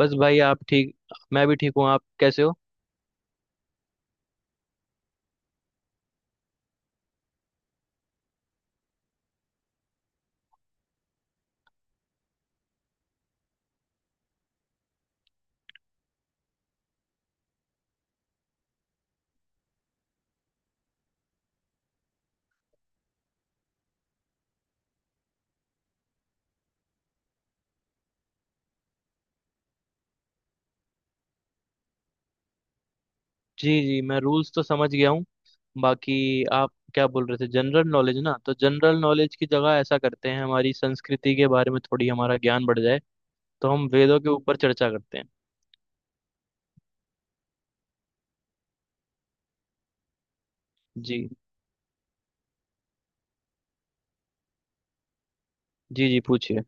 बस भाई, आप ठीक? मैं भी ठीक हूँ, आप कैसे हो? जी जी, मैं रूल्स तो समझ गया हूँ। बाकी, आप क्या बोल रहे थे, जनरल नॉलेज ना? तो जनरल नॉलेज की जगह ऐसा करते हैं, हमारी संस्कृति के बारे में, थोड़ी हमारा ज्ञान बढ़ जाए, तो हम वेदों के ऊपर चर्चा करते हैं। जी जी जी, पूछिए।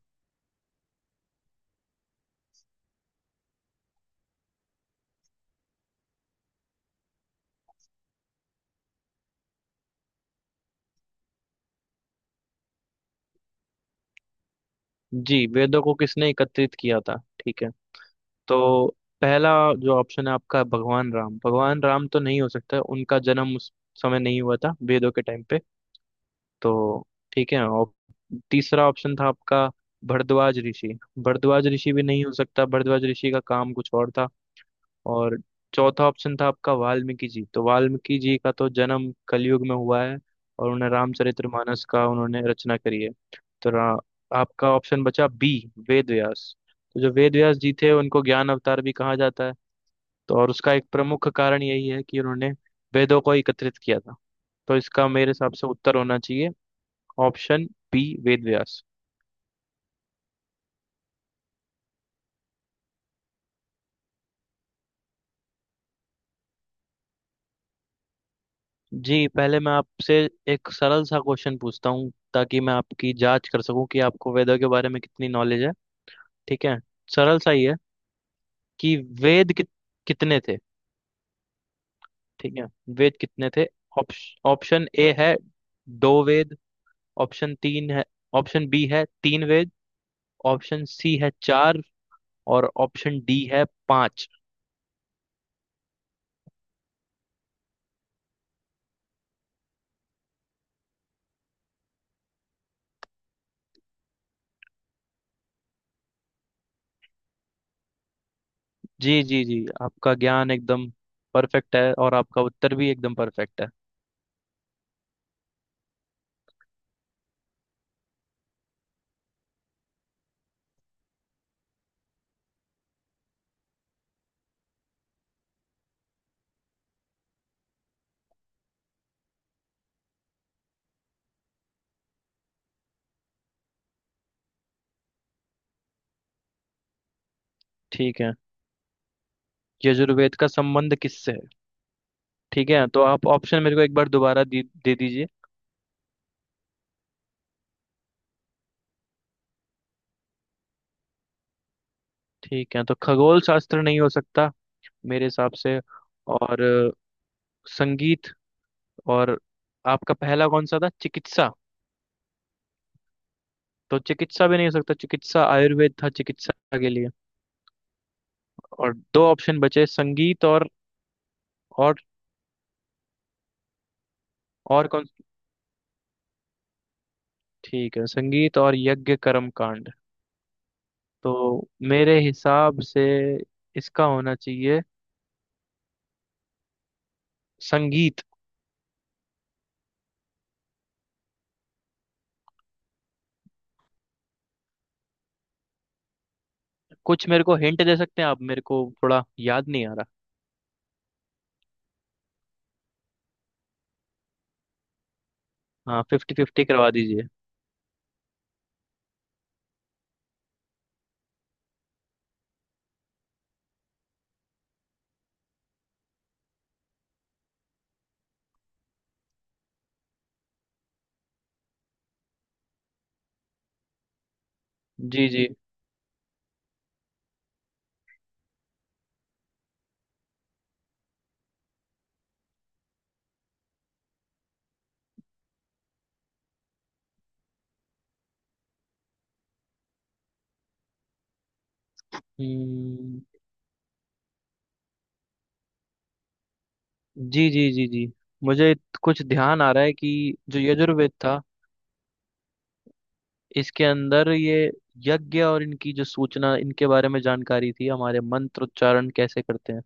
जी, वेदों को किसने एकत्रित किया था, ठीक है। तो पहला जो ऑप्शन है आपका, भगवान राम। भगवान राम तो नहीं हो सकता, उनका जन्म उस समय नहीं हुआ था वेदों के टाइम पे। तो ठीक है। और तीसरा ऑप्शन था आपका भरद्वाज ऋषि। भरद्वाज ऋषि भी नहीं हो सकता, भरद्वाज ऋषि का काम कुछ और था। और चौथा ऑप्शन था आपका वाल्मीकि जी, तो वाल्मीकि जी का तो जन्म कलयुग में हुआ है, और उन्हें रामचरितमानस का उन्होंने रचना करी है। तो आपका ऑप्शन बचा बी, वेद व्यास। तो जो वेद व्यास जी थे, उनको ज्ञान अवतार भी कहा जाता है। तो और उसका एक प्रमुख कारण यही है कि उन्होंने वेदों को एकत्रित किया था। तो इसका मेरे हिसाब से उत्तर होना चाहिए ऑप्शन बी, वेद व्यास। जी, पहले मैं आपसे एक सरल सा क्वेश्चन पूछता हूँ, ताकि मैं आपकी जांच कर सकूं कि आपको वेदों के बारे में कितनी नॉलेज है। ठीक है, सरल सा ही है। कि वेद कित, कितने थे? ठीक है, वेद कितने थे? ऑप्शन ए है दो वेद। ऑप्शन तीन है। ऑप्शन बी है तीन वेद। ऑप्शन सी है चार। और ऑप्शन डी है पांच। जी जी जी, आपका ज्ञान एकदम परफेक्ट है, और आपका उत्तर भी एकदम परफेक्ट है। ठीक है। यजुर्वेद का संबंध किससे है? ठीक है, तो आप ऑप्शन मेरे को एक बार दोबारा दे दीजिए। ठीक है, तो खगोल शास्त्र नहीं हो सकता मेरे हिसाब से। और संगीत, और आपका पहला कौन सा था, चिकित्सा? तो चिकित्सा भी नहीं हो सकता, चिकित्सा आयुर्वेद था चिकित्सा के लिए। और दो ऑप्शन बचे संगीत और, और और कौन? ठीक है, संगीत और यज्ञ कर्म कांड। तो मेरे हिसाब से इसका होना चाहिए संगीत। कुछ मेरे को हिंट दे सकते हैं आप? मेरे को थोड़ा याद नहीं आ रहा। हाँ, फिफ्टी फिफ्टी करवा दीजिए। जी जी। हम्म। जी जी जी जी, मुझे कुछ ध्यान आ रहा है कि जो यजुर्वेद था, इसके अंदर ये यज्ञ, और इनकी जो सूचना, इनके बारे में जानकारी थी, हमारे मंत्र उच्चारण कैसे करते हैं।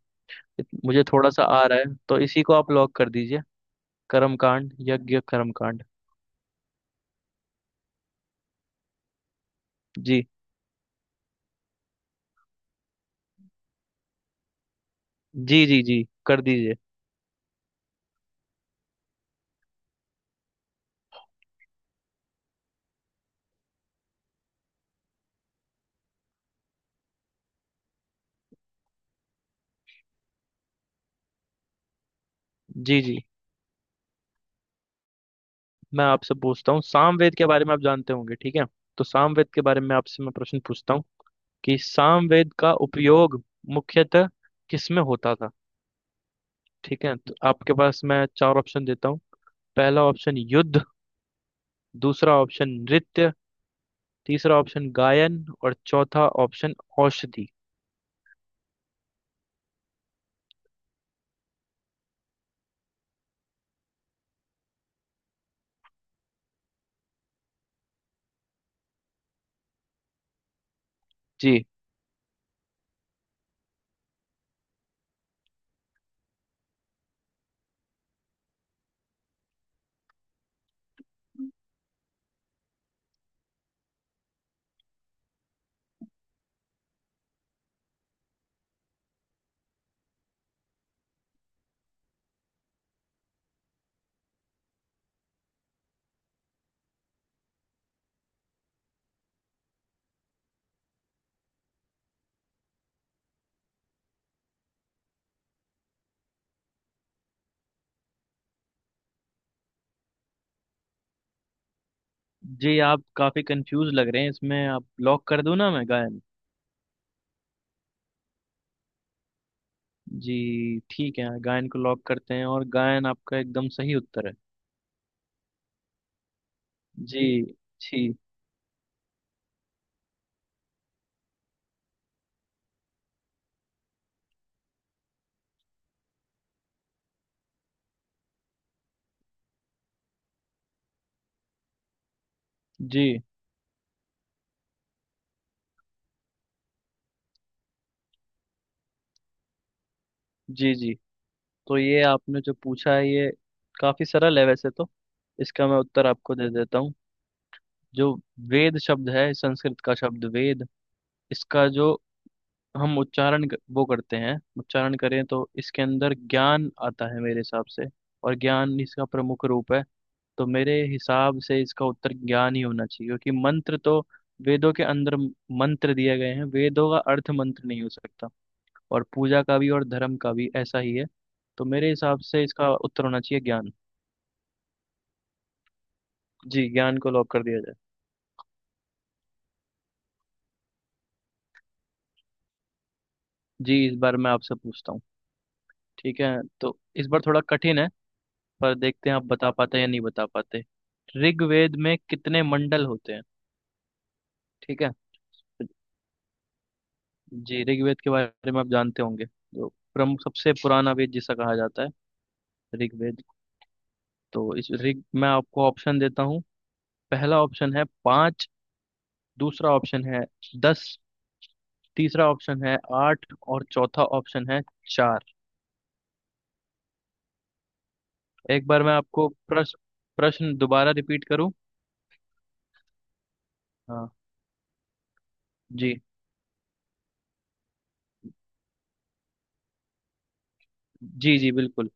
मुझे थोड़ा सा आ रहा है, तो इसी को आप लॉक कर दीजिए, कर्मकांड, यज्ञ कर्मकांड। जी जी जी जी, कर दीजिए। जी जी, मैं आपसे पूछता हूँ सामवेद के बारे में, आप जानते होंगे, ठीक है। तो सामवेद के बारे में आपसे मैं प्रश्न पूछता हूँ, कि सामवेद का उपयोग मुख्यतः किसमें होता था? ठीक है, तो आपके पास मैं चार ऑप्शन देता हूँ। पहला ऑप्शन युद्ध, दूसरा ऑप्शन नृत्य, तीसरा ऑप्शन गायन, और चौथा ऑप्शन औषधि। जी, जी आप काफी कंफ्यूज लग रहे हैं इसमें, आप लॉक कर दूं ना मैं गायन? जी ठीक है, गायन को लॉक करते हैं, और गायन आपका एकदम सही उत्तर है। जी जी जी जी जी, तो ये आपने जो पूछा है, ये काफी सरल है वैसे तो। इसका मैं उत्तर आपको दे देता हूँ। जो वेद शब्द है, संस्कृत का शब्द वेद, इसका जो हम उच्चारण वो करते हैं, उच्चारण करें तो इसके अंदर ज्ञान आता है मेरे हिसाब से, और ज्ञान इसका प्रमुख रूप है। तो मेरे हिसाब से इसका उत्तर ज्ञान ही होना चाहिए, क्योंकि मंत्र तो वेदों के अंदर मंत्र दिए गए हैं, वेदों का अर्थ मंत्र नहीं हो सकता, और पूजा का भी और धर्म का भी ऐसा ही है। तो मेरे हिसाब से इसका उत्तर होना चाहिए ज्ञान। जी, ज्ञान को लॉक कर दिया जाए। जी, इस बार मैं आपसे पूछता हूँ, ठीक है, तो इस बार थोड़ा कठिन है, पर देखते हैं आप बता पाते हैं या नहीं बता पाते। ऋग्वेद में कितने मंडल होते हैं? ठीक है, जी ऋग्वेद के बारे में आप जानते होंगे, जो प्रमुख सबसे पुराना वेद जिसे कहा जाता है, ऋग्वेद। तो इस ऋग मैं आपको ऑप्शन देता हूँ। पहला ऑप्शन है पाँच, दूसरा ऑप्शन है 10, तीसरा ऑप्शन है आठ, और चौथा ऑप्शन है चार। एक बार मैं आपको प्रश्न प्रश्न दोबारा रिपीट करूँ? हाँ। जी जी जी, बिल्कुल।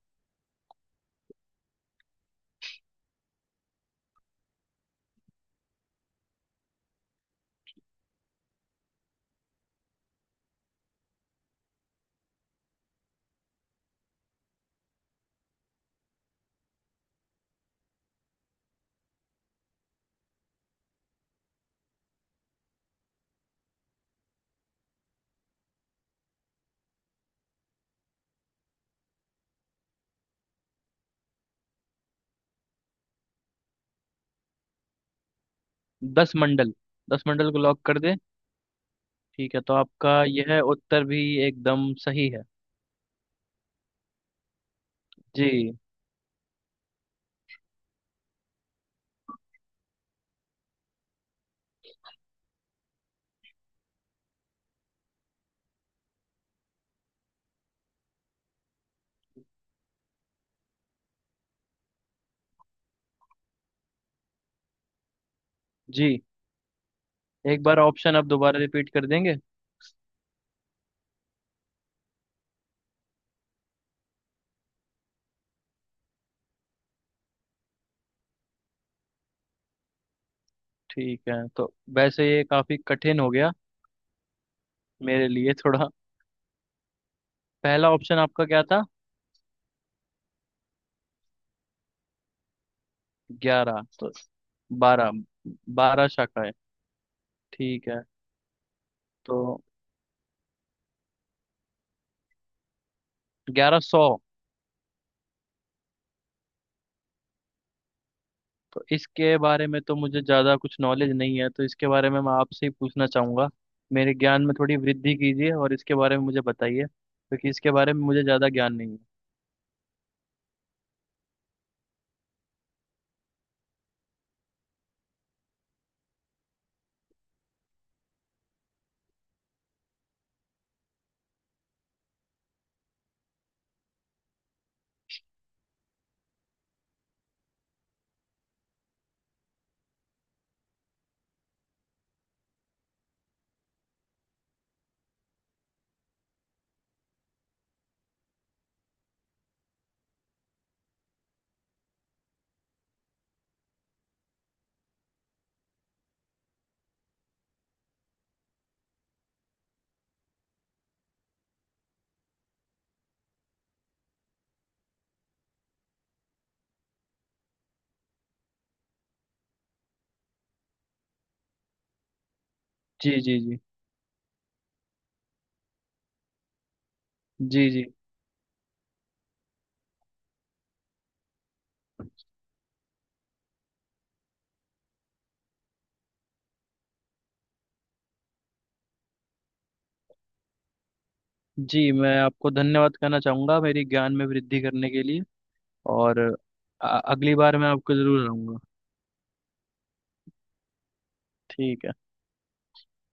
10 मंडल, 10 मंडल को लॉक कर दे। ठीक है, तो आपका यह उत्तर भी एकदम सही है। जी जी, एक बार ऑप्शन आप दोबारा रिपीट कर देंगे? ठीक है, तो वैसे ये काफी कठिन हो गया मेरे लिए थोड़ा। पहला ऑप्शन आपका क्या था, 11? तो 12, 12 शाखाएं, ठीक है। तो 1100? तो इसके बारे में तो मुझे ज़्यादा कुछ नॉलेज नहीं है, तो इसके बारे में मैं आपसे ही पूछना चाहूँगा। मेरे ज्ञान में थोड़ी वृद्धि कीजिए, और इसके बारे में मुझे बताइए, क्योंकि इसके बारे में मुझे ज़्यादा ज्ञान नहीं है। जी जी जी जी जी जी, मैं आपको धन्यवाद कहना चाहूँगा मेरी ज्ञान में वृद्धि करने के लिए, और अगली बार मैं आपको ज़रूर आऊँगा। ठीक है।